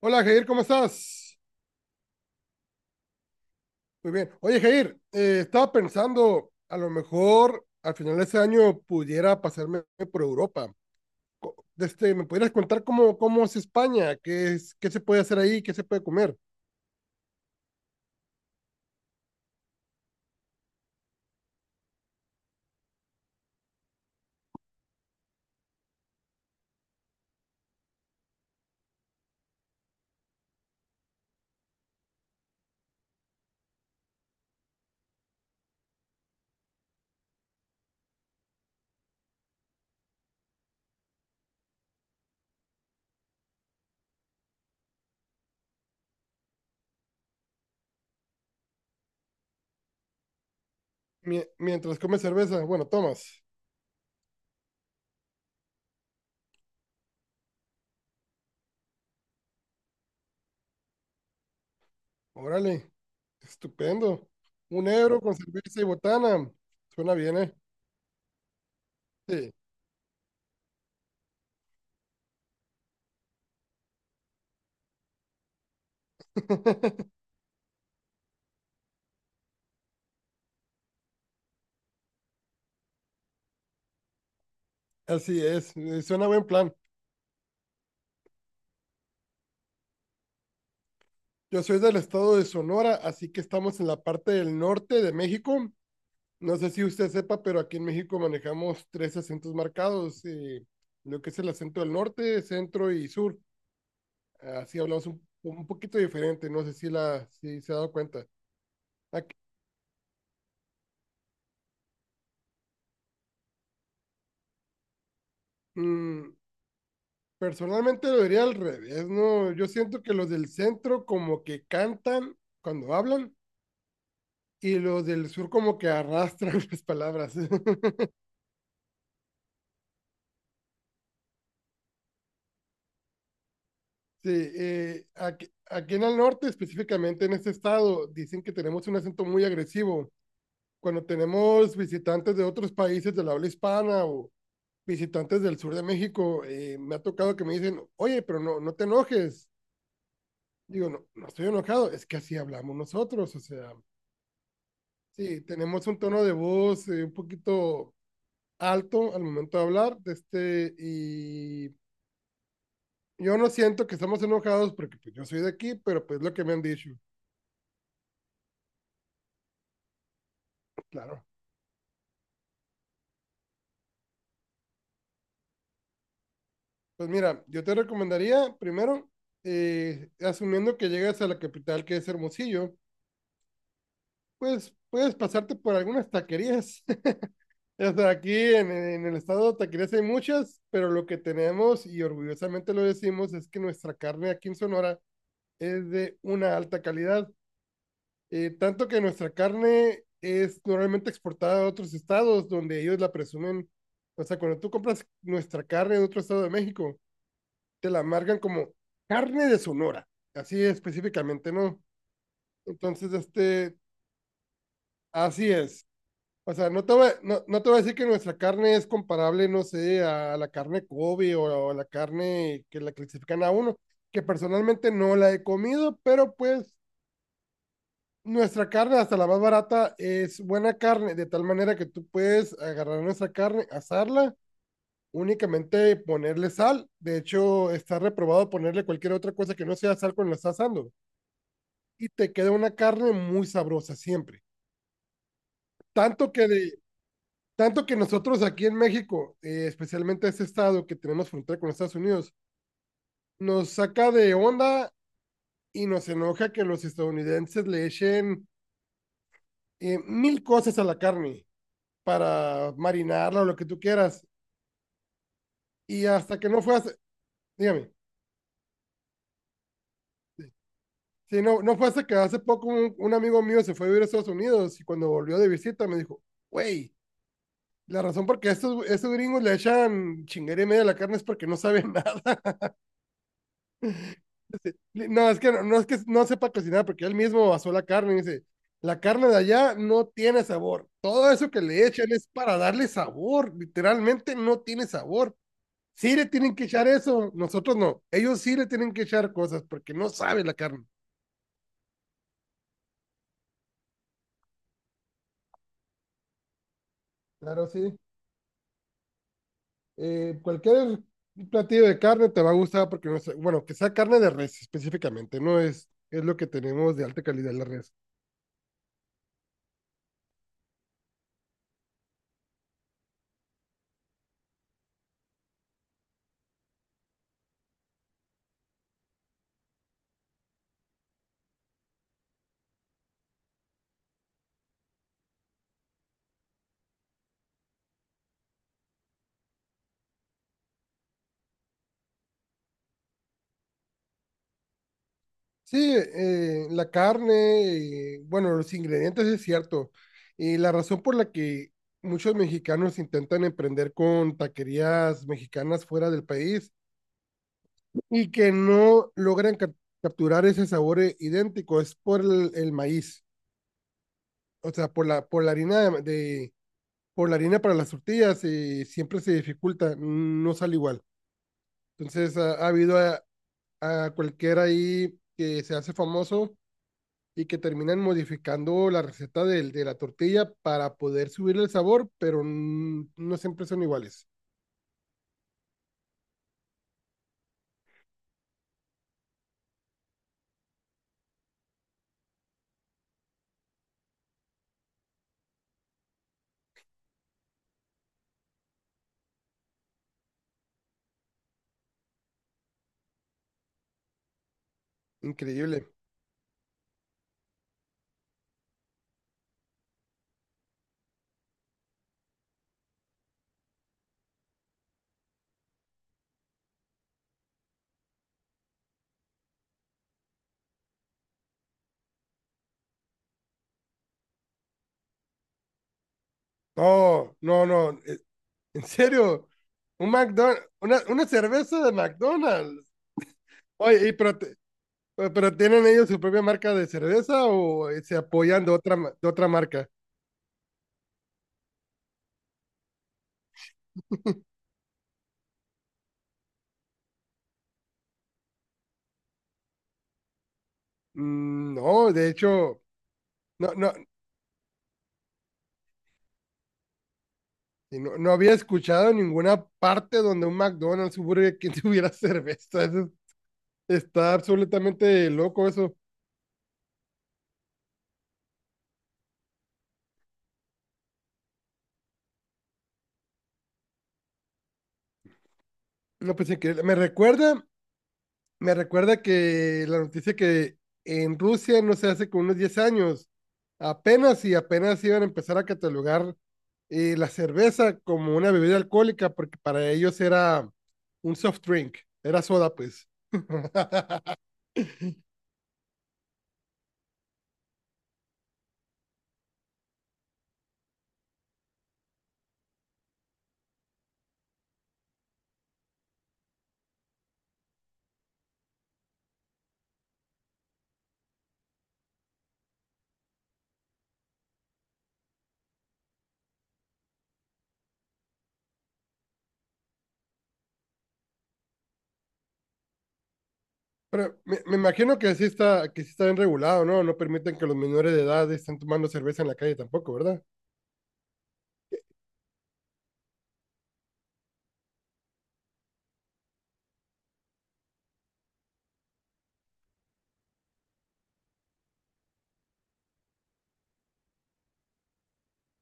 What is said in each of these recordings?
Hola Jair, ¿cómo estás? Muy bien. Oye Jair, estaba pensando, a lo mejor al final de este año pudiera pasarme por Europa. ¿Me pudieras contar cómo es España? ¿Qué se puede hacer ahí? ¿Qué se puede comer? Mientras comes cerveza, bueno, tomas. Órale, estupendo. Un euro con cerveza y botana. Suena bien, ¿eh? Sí. Así es, suena buen plan. Yo soy del estado de Sonora, así que estamos en la parte del norte de México. No sé si usted sepa, pero aquí en México manejamos tres acentos marcados, lo que es el acento del norte, centro y sur. Así hablamos un poquito diferente, no sé si se ha dado cuenta. Aquí, mm, personalmente lo diría al revés, ¿no? Yo siento que los del centro como que cantan cuando hablan y los del sur como que arrastran las palabras. Sí, aquí en el norte, específicamente en este estado, dicen que tenemos un acento muy agresivo cuando tenemos visitantes de otros países de la habla hispana o visitantes del sur de México. Me ha tocado que me dicen, oye, pero no, no te enojes. Digo, no, no estoy enojado, es que así hablamos nosotros, o sea, sí, tenemos un tono de voz un poquito alto al momento de hablar, y yo no siento que estamos enojados porque pues, yo soy de aquí, pero pues lo que me han dicho, claro. Pues mira, yo te recomendaría primero, asumiendo que llegas a la capital que es Hermosillo, pues puedes pasarte por algunas taquerías. O sea, aquí el estado de taquerías hay muchas, pero lo que tenemos, y orgullosamente lo decimos, es que nuestra carne aquí en Sonora es de una alta calidad. Tanto que nuestra carne es normalmente exportada a otros estados donde ellos la presumen. O sea, cuando tú compras nuestra carne en otro estado de México, te la marcan como carne de Sonora, así específicamente, ¿no? Entonces, así es. O sea, no te voy a decir que nuestra carne es comparable, no sé, a la carne Kobe o a la carne que la clasifican a uno, que personalmente no la he comido, pero pues nuestra carne, hasta la más barata, es buena carne, de tal manera que tú puedes agarrar nuestra carne, asarla, únicamente ponerle sal. De hecho, está reprobado ponerle cualquier otra cosa que no sea sal cuando la estás asando. Y te queda una carne muy sabrosa siempre. Tanto que de, Tanto que nosotros aquí en México, especialmente este estado que tenemos frontera con Estados Unidos, nos saca de onda y nos enoja que los estadounidenses le echen mil cosas a la carne para marinarla o lo que tú quieras. Y hasta que no fue hace, Dígame, si no fue hasta que hace poco un amigo mío se fue a vivir a Estados Unidos y cuando volvió de visita me dijo, güey, la razón por qué estos gringos le echan chinguería y media a la carne es porque no saben nada. No, es que no, no es que no sepa cocinar, porque él mismo basó la carne y dice, la carne de allá no tiene sabor. Todo eso que le echan es para darle sabor. Literalmente no tiene sabor. Sí le tienen que echar eso, nosotros no. Ellos sí le tienen que echar cosas porque no sabe la carne. Claro, sí. Cualquier platillo de carne te va a gustar porque, no sé, bueno, que sea carne de res específicamente, no es, es lo que tenemos de alta calidad la res. Sí, la carne, y, bueno, los ingredientes es cierto. Y la razón por la que muchos mexicanos intentan emprender con taquerías mexicanas fuera del país y que no logran capturar ese sabor idéntico es por el maíz, o sea, por la harina de- por la harina para las tortillas y siempre se dificulta, no sale igual. Entonces, ha habido a cualquiera ahí que se hace famoso y que terminan modificando la receta de la tortilla para poder subirle el sabor, pero no siempre son iguales. Increíble. No, no, no. En serio, un McDonald's, una cerveza de McDonald's. Oye, pero ¿tienen ellos su propia marca de cerveza o se apoyan de otra marca? No, de hecho, no, no, y no, no había escuchado en ninguna parte donde un McDonald's, un Burger King tuviera cerveza. Eso es. Está absolutamente loco eso. No, pues increíble. Me recuerda que la noticia que en Rusia, no sé, hace como unos 10 años, apenas y apenas iban a empezar a catalogar la cerveza como una bebida alcohólica, porque para ellos era un soft drink, era soda, pues. Pero me imagino que sí está bien regulado, ¿no? No permiten que los menores de edad estén tomando cerveza en la calle tampoco, ¿verdad?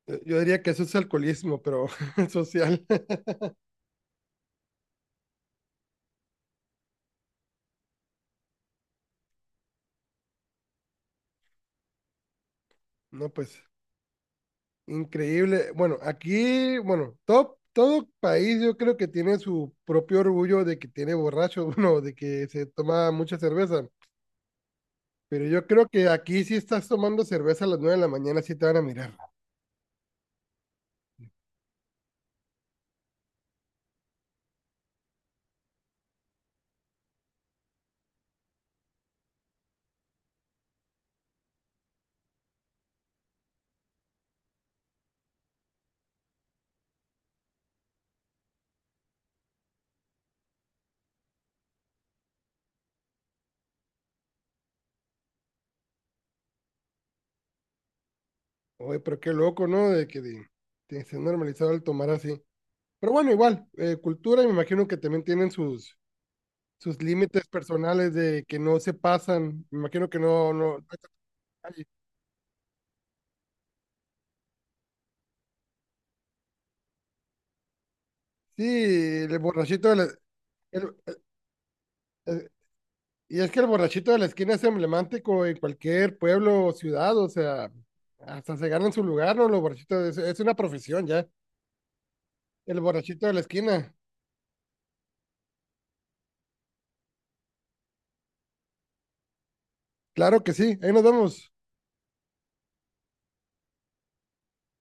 Yo diría que eso es alcoholismo, pero social. No, pues. Increíble. Bueno, aquí, bueno, todo país yo creo que tiene su propio orgullo de que tiene borracho uno, de que se toma mucha cerveza. Pero yo creo que aquí si estás tomando cerveza a las 9 de la mañana sí te van a mirar. Oye, pero qué loco, ¿no? De se ha normalizado el tomar así. Pero bueno, igual, cultura, me imagino que también tienen sus, sus límites personales de que no se pasan. Me imagino que no, no, no hay tanta calle. Sí, el borrachito de la- el- y es que el borrachito de la esquina es emblemático en cualquier pueblo o ciudad, o sea, hasta se ganan su lugar, ¿no? Los borrachitos, es una profesión ya, el borrachito de la esquina. Claro que sí, ahí nos vemos.